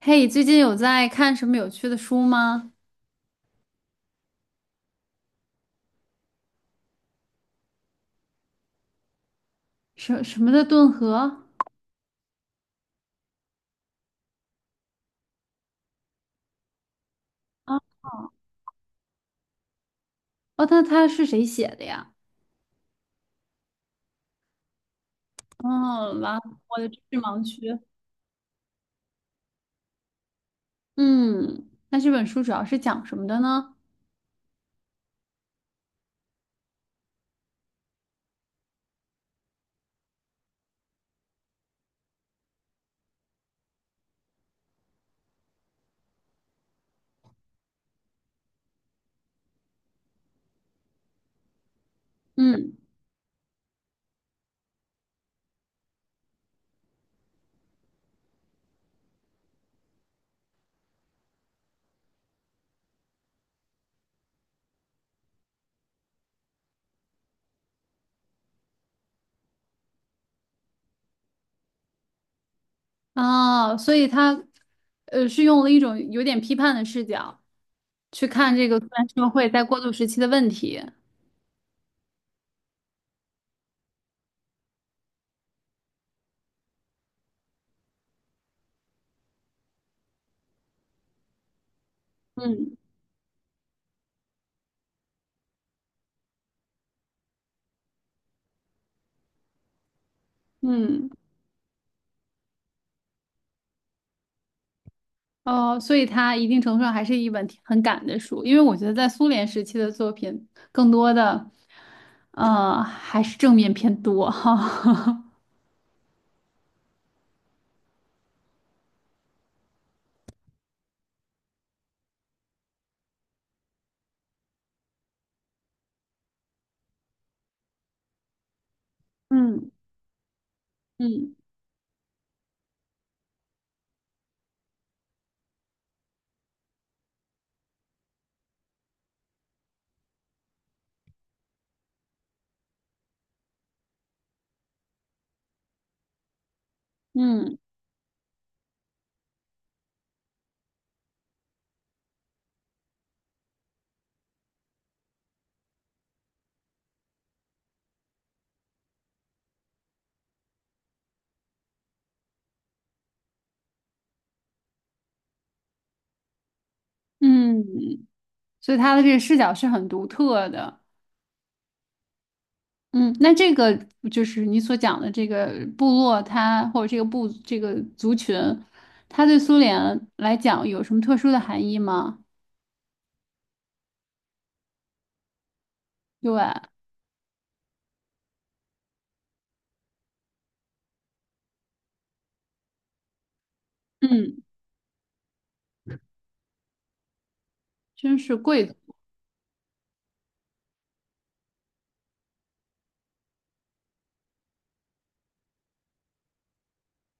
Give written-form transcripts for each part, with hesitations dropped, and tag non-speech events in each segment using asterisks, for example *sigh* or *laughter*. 嘿，最近有在看什么有趣的书吗？什么的顿河？啊，哦，那它是谁写的呀？哦，完了我的知识盲区。嗯，那这本书主要是讲什么的呢？嗯，哦，所以它，呃，是用了一种有点批判的视角去看这个苏联社会在过渡时期的问题。嗯嗯。哦，所以它一定程度上还是一本挺很赶的书，因为我觉得在苏联时期的作品，更多的，呃，还是正面偏多哈。*laughs* 嗯嗯嗯嗯，所以他的这个视角是很独特的。嗯，那这个就是你所讲的这个部落它，或者这个部这个族群，它对苏联来讲有什么特殊的含义吗？对，嗯，真是贵族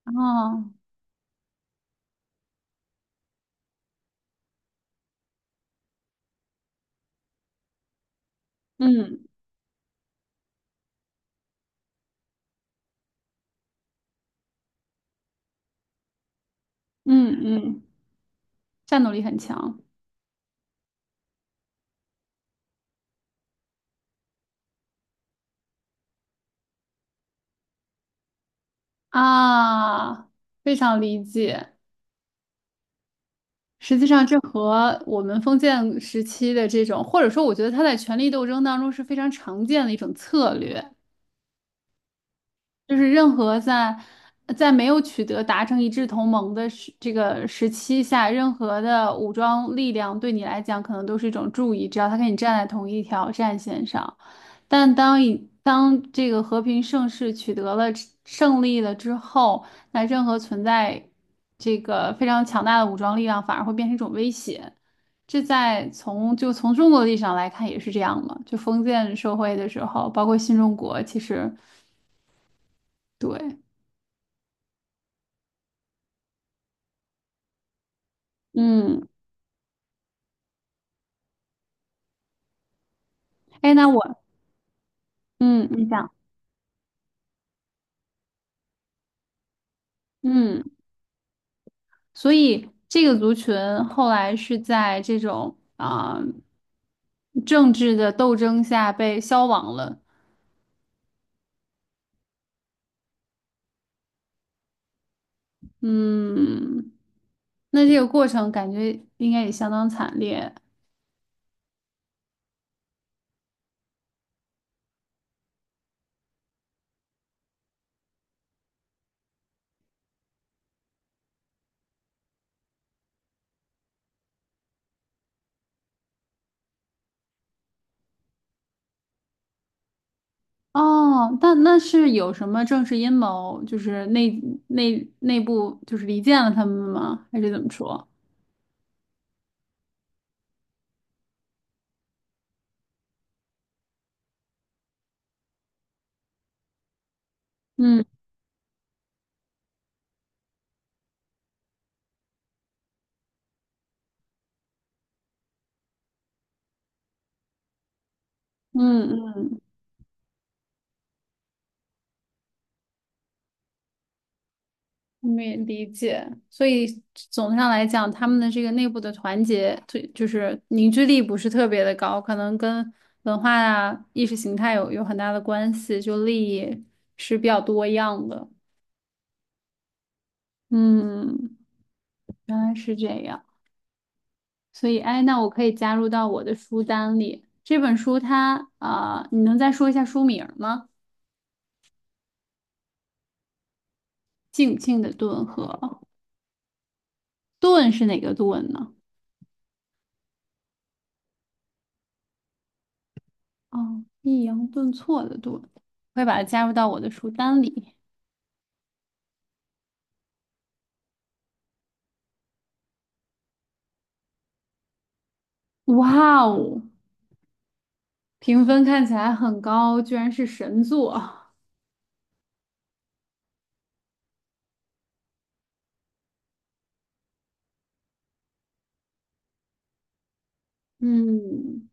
哦，嗯嗯嗯。战斗力很强啊，非常理解。实际上，这和我们封建时期的这种，或者说，我觉得他在权力斗争当中是非常常见的一种策略。就是任何在没有取得达成一致同盟的时这个时期下，任何的武装力量对你来讲可能都是一种注意，只要他跟你站在同一条战线上。但当这个和平盛世取得了胜利了之后，那任何存在这个非常强大的武装力量反而会变成一种威胁。这在从就从中国的历史上来看也是这样嘛，就封建社会的时候，包括新中国，其实对。嗯，哎，那我，嗯，你讲，嗯，所以这个族群后来是在这种啊、政治的斗争下被消亡了，嗯，那这个过程感觉应该也相当惨烈哦。那那是有什么政治阴谋，就是内部就是离间了他们吗？还是怎么说？嗯嗯嗯没理解，所以总上来讲，他们的这个内部的团结，对，就是凝聚力不是特别的高，可能跟文化啊、意识形态有很大的关系，就利益是比较多样的。嗯，原来是这样，所以哎，那我可以加入到我的书单里。这本书它啊、你能再说一下书名吗？《静静的顿河》，顿是哪个顿呢？哦，抑扬顿挫的顿，会把它加入到我的书单里。哇哦，评分看起来很高，居然是神作。*laughs* 嗯，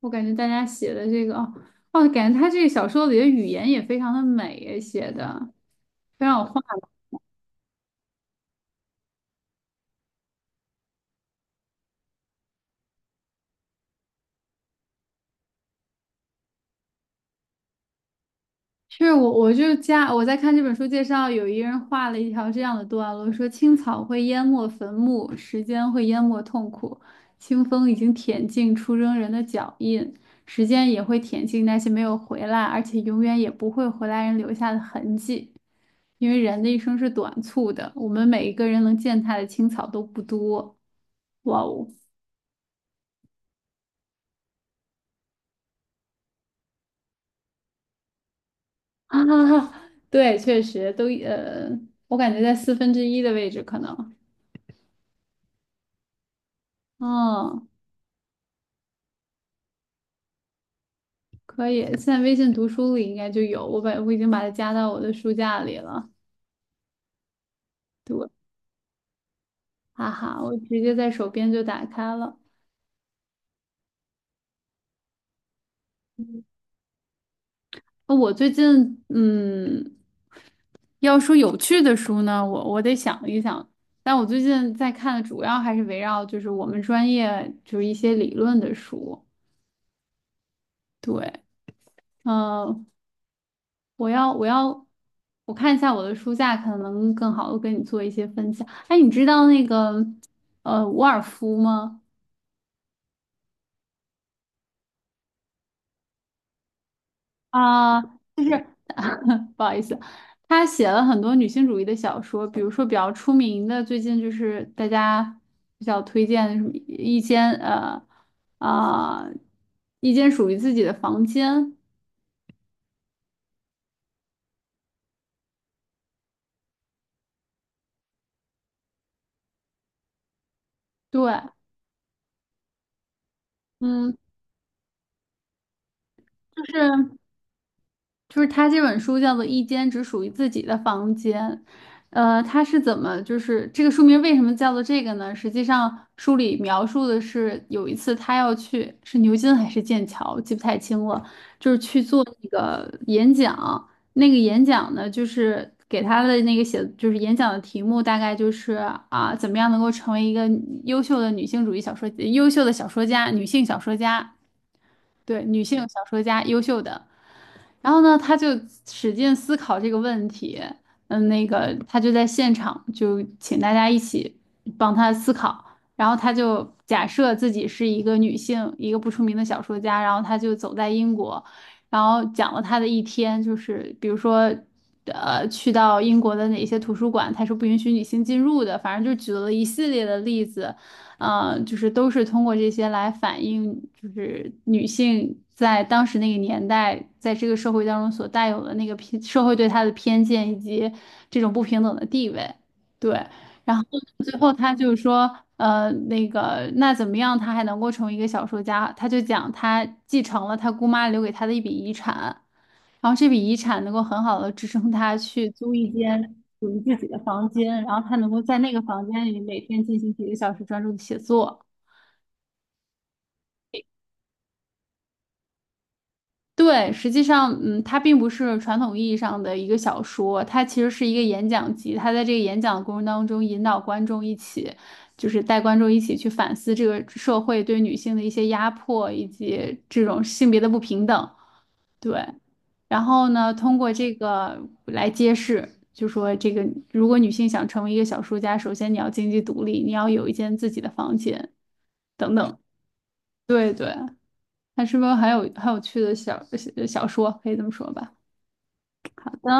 我感觉大家写的这个，哦，哦，感觉他这个小说里的语言也非常的美，写的非常有画。我就加我在看这本书介绍，有一个人画了一条这样的段落，说青草会淹没坟墓，时间会淹没痛苦，清风已经舔尽出征人的脚印，时间也会舔尽那些没有回来，而且永远也不会回来人留下的痕迹。因为人的一生是短促的，我们每一个人能践踏的青草都不多。哇哦，啊，*laughs* 对，确实都，我感觉在四分之一的位置可能，嗯。可以，现在微信读书里应该就有，我已经把它加到我的书架里了。对，哈哈，我直接在手边就打开了。我最近，嗯，要说有趣的书呢，我得想一想。但我最近在看的主要还是围绕就是我们专业就是一些理论的书。对，嗯、我要我要我看一下我的书架，可能更好的跟你做一些分享。哎，你知道那个伍尔夫吗？啊，就是 *laughs* 不好意思，他写了很多女性主义的小说，比如说比较出名的，最近就是大家比较推荐的什么啊、一间属于自己的房间，对，嗯，就是。就是他这本书叫做《一间只属于自己的房间》，呃，他是怎么就是这个书名为什么叫做这个呢？实际上书里描述的是有一次他要去是牛津还是剑桥，记不太清了，就是去做那个演讲，那个演讲呢就是给他的那个写就是演讲的题目大概就是啊怎么样能够成为一个优秀的女性主义小说优秀的小说家，女性小说家，对，女性小说家优秀的。然后呢，他就使劲思考这个问题，嗯，那个他就在现场就请大家一起帮他思考，然后他就假设自己是一个女性，一个不出名的小说家，然后他就走在英国，然后讲了他的一天，就是比如说。呃，去到英国的哪些图书馆，他是不允许女性进入的。反正就举了一系列的例子，呃，就是都是通过这些来反映，就是女性在当时那个年代，在这个社会当中所带有的那个偏社会对她的偏见以及这种不平等的地位。对，然后最后她就是说，呃，那个那怎么样，她还能够成为一个小说家？她就讲她继承了她姑妈留给她的一笔遗产。然后这笔遗产能够很好的支撑他去租一间属于自己的房间，然后他能够在那个房间里每天进行几个小时专注的写作。对，实际上，嗯，它并不是传统意义上的一个小说，它其实是一个演讲集。它在这个演讲的过程当中，引导观众一起，就是带观众一起去反思这个社会对女性的一些压迫，以及这种性别的不平等。对，然后呢，通过这个来揭示，就说这个，如果女性想成为一个小说家，首先你要经济独立，你要有一间自己的房间等等。对对，它是不是很有趣的小说？可以这么说吧。好的，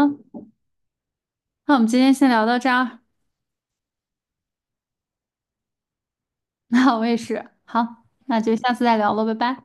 那我们今天先聊到这儿。*laughs* 那我也是，好，那就下次再聊了，拜拜。